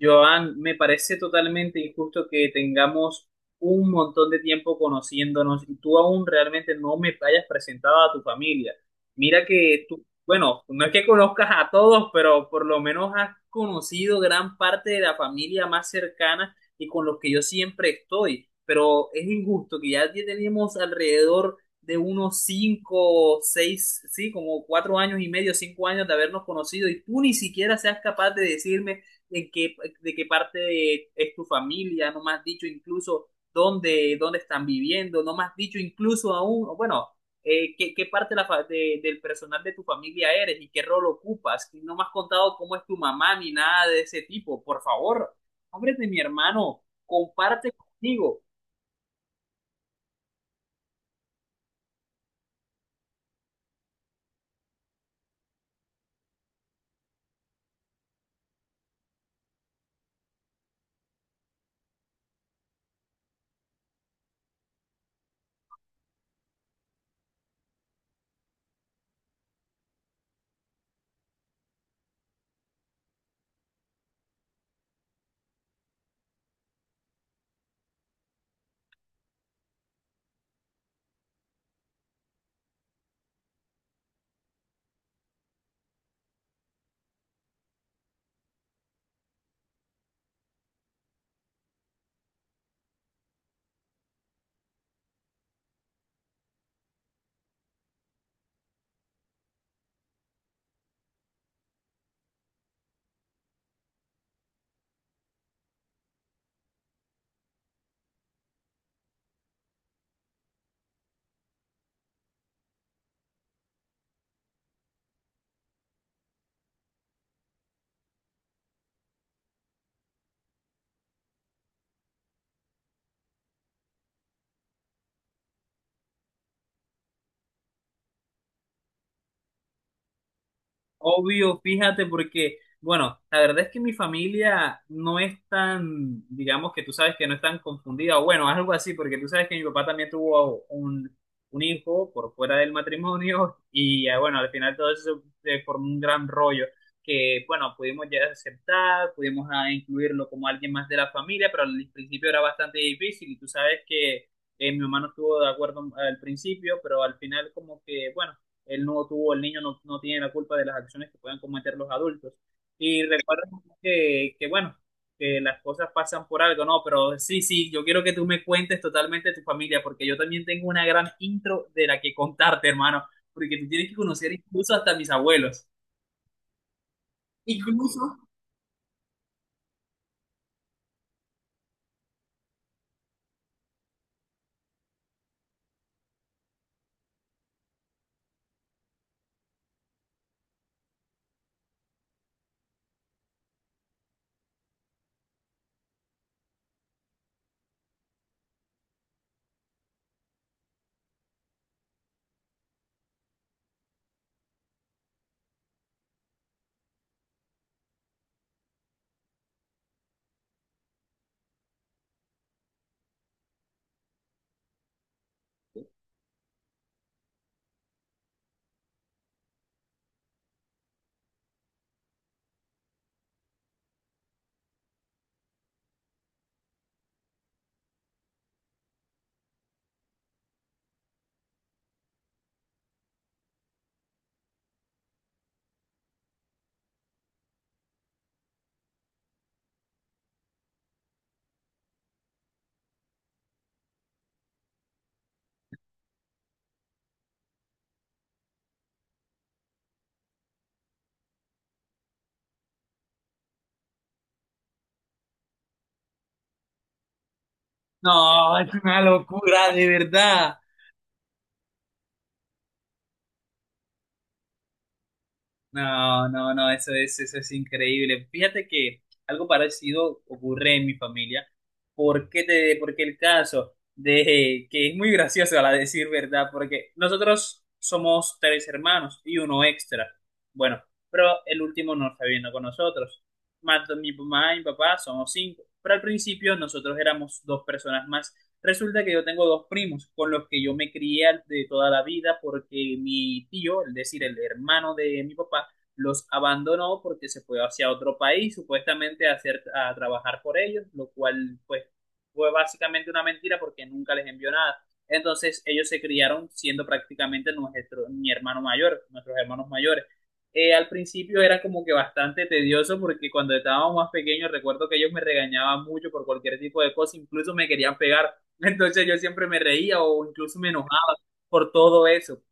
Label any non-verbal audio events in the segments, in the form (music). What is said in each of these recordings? Joan, me parece totalmente injusto que tengamos un montón de tiempo conociéndonos y tú aún realmente no me hayas presentado a tu familia. Mira que tú, bueno, no es que conozcas a todos, pero por lo menos has conocido gran parte de la familia más cercana y con los que yo siempre estoy. Pero es injusto que ya tenemos alrededor de unos cinco, seis, sí, como 4 años y medio, 5 años de habernos conocido y tú ni siquiera seas capaz de decirme de qué, de qué parte es tu familia, no me has dicho incluso dónde están viviendo, no me has dicho incluso aún, o bueno, qué parte de la del personal de tu familia eres y qué rol ocupas, y no me has contado cómo es tu mamá ni nada de ese tipo, por favor, hombre de mi hermano, comparte conmigo. Obvio, fíjate, porque, bueno, la verdad es que mi familia no es tan, digamos que tú sabes que no es tan confundida, o bueno, algo así, porque tú sabes que mi papá también tuvo un hijo por fuera del matrimonio (laughs) y bueno, al final todo eso se formó un gran rollo que, bueno, pudimos ya aceptar, pudimos incluirlo como alguien más de la familia, pero al principio era bastante difícil y tú sabes que mi mamá no estuvo de acuerdo al principio, pero al final como que, bueno, él no tuvo, el niño no, no tiene la culpa de las acciones que puedan cometer los adultos. Y recuerda bueno, que las cosas pasan por algo, ¿no? Pero sí, sí, yo quiero que tú me cuentes totalmente de tu familia, porque yo también tengo una gran intro de la que contarte, hermano, porque tú tienes que conocer incluso hasta mis abuelos. Incluso. No, es una locura, de verdad. No, no, no, eso es increíble. Fíjate que algo parecido ocurre en mi familia. ¿Por qué te, porque el caso de que es muy gracioso a la decir verdad? Porque nosotros somos tres hermanos y uno extra. Bueno, pero el último no está viviendo con nosotros. Más mi mamá y mi papá somos cinco. Pero al principio nosotros éramos dos personas más. Resulta que yo tengo dos primos con los que yo me crié de toda la vida porque mi tío, es decir, el hermano de mi papá, los abandonó porque se fue hacia otro país, supuestamente a trabajar por ellos, lo cual pues fue básicamente una mentira porque nunca les envió nada. Entonces ellos se criaron siendo prácticamente nuestros hermanos mayores. Al principio era como que bastante tedioso porque cuando estábamos más pequeños recuerdo que ellos me regañaban mucho por cualquier tipo de cosa, incluso me querían pegar. (laughs) Entonces yo siempre me reía o incluso me enojaba por todo eso.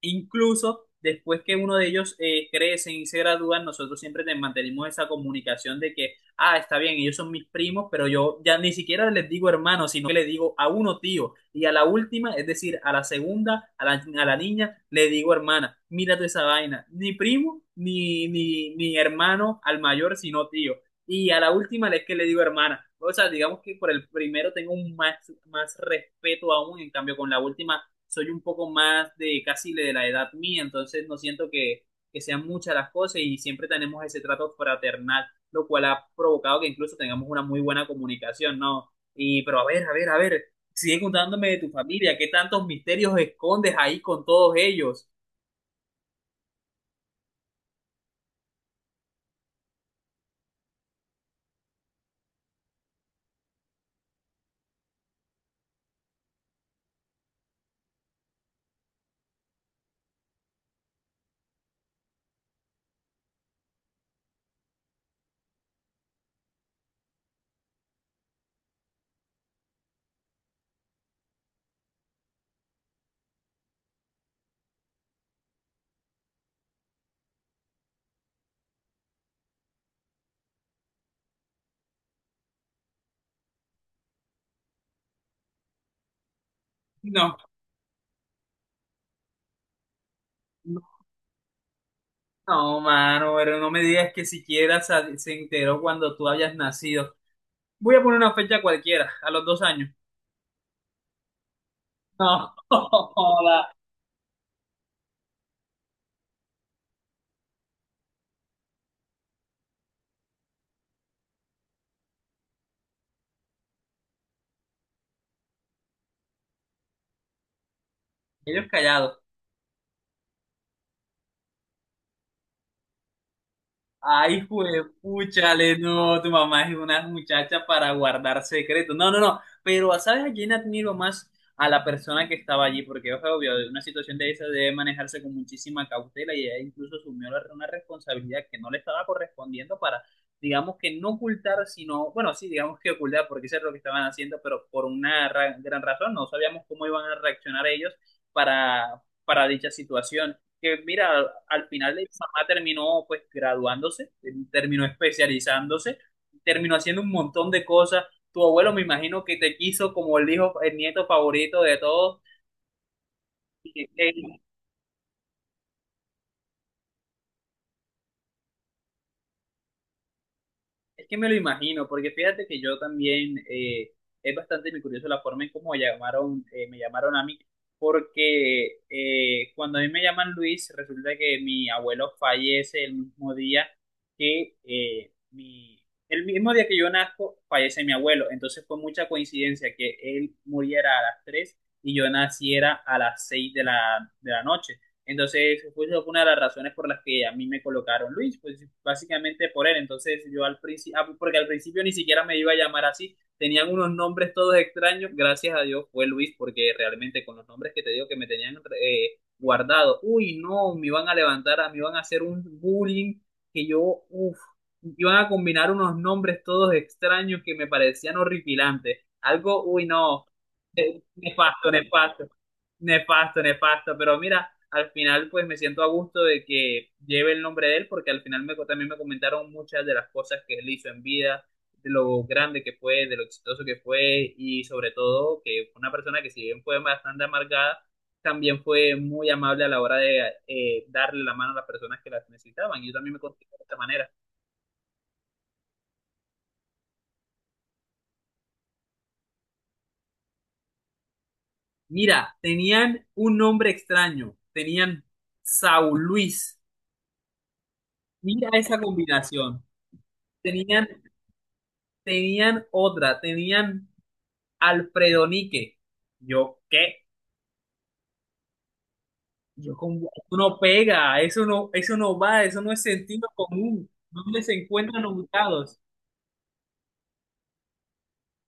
Incluso después que uno de ellos crecen y se gradúan, nosotros siempre mantenemos esa comunicación de que, ah, está bien, ellos son mis primos, pero yo ya ni siquiera les digo hermano, sino que le digo a uno tío. Y a la última, es decir, a la segunda, a la niña, le digo hermana, mírate esa vaina. Ni primo, ni hermano al mayor, sino tío. Y a la última es que le digo hermana. O sea, digamos que por el primero tengo un más, más respeto aún, en cambio con la última soy un poco más de casi de la edad mía, entonces no siento que sean muchas las cosas y siempre tenemos ese trato fraternal, lo cual ha provocado que incluso tengamos una muy buena comunicación, ¿no? Y, pero a ver, a ver, a ver, sigue contándome de tu familia, ¿qué tantos misterios escondes ahí con todos ellos? No, no, no, mano, pero no me digas que siquiera se enteró cuando tú hayas nacido. Voy a poner una fecha cualquiera, a los 2 años. No, (laughs) joda, ellos callados. Ay, juepúchale, no, tu mamá es una muchacha para guardar secretos. No, no, no, pero ¿sabes a quién admiro más? A la persona que estaba allí, porque es obvio, una situación de esa debe manejarse con muchísima cautela y ella incluso asumió una responsabilidad que no le estaba correspondiendo para, digamos que no ocultar, sino, bueno, sí, digamos que ocultar, porque eso es lo que estaban haciendo, pero por una gran razón, no sabíamos cómo iban a reaccionar ellos para, para dicha situación que mira, al final de mamá terminó pues graduándose, terminó especializándose, terminó haciendo un montón de cosas. Tu abuelo me imagino que te quiso como el hijo, el nieto favorito de todos. Es que me lo imagino, porque fíjate que yo también es bastante curioso la forma en cómo llamaron, me llamaron a mí, porque cuando a mí me llaman Luis, resulta que mi abuelo fallece el mismo día que el mismo día que yo nazco, fallece mi abuelo. Entonces fue mucha coincidencia que él muriera a las 3 y yo naciera a las 6 de la noche. Entonces, fue una de las razones por las que a mí me colocaron Luis, pues básicamente por él. Entonces, yo al principio, ah, porque al principio ni siquiera me iba a llamar así, tenían unos nombres todos extraños, gracias a Dios fue Luis, porque realmente con los nombres que te digo que me tenían guardado, uy, no, me iban a levantar, me iban a hacer un bullying que yo, uff, iban a combinar unos nombres todos extraños que me parecían horripilantes. Algo, uy, no. Nefasto, nefasto, nefasto, nefasto, pero mira, al final pues me siento a gusto de que lleve el nombre de él porque al final me, también me comentaron muchas de las cosas que él hizo en vida, de lo grande que fue, de lo exitoso que fue y sobre todo que fue una persona que si bien fue bastante amargada, también fue muy amable a la hora de darle la mano a las personas que las necesitaban y yo también me considero de esta manera. Mira, tenían un nombre extraño, tenían Saúl Luis, mira esa combinación. Tenían, tenían otra, tenían Alfredo Nique. Yo, ¿qué? Yo con eso no pega, eso no va, eso no es sentido común. ¿Dónde se encuentran ubicados?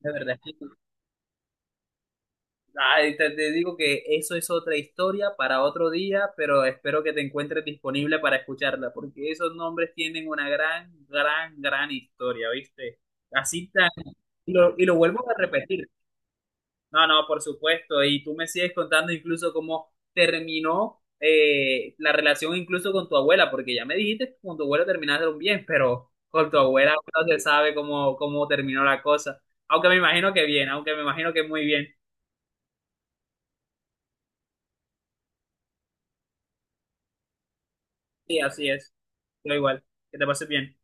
De verdad, ay, te digo que eso es otra historia para otro día, pero espero que te encuentres disponible para escucharla, porque esos nombres tienen una gran, gran, gran historia, ¿viste? Así tan, y lo vuelvo a repetir. No, no, por supuesto. Y tú me sigues contando incluso cómo terminó la relación incluso con tu abuela, porque ya me dijiste que con tu abuela terminaron bien, pero con tu abuela no se sabe cómo terminó la cosa. Aunque me imagino que bien, aunque me imagino que muy bien. Sí, así es. Yo igual. Que te pases bien.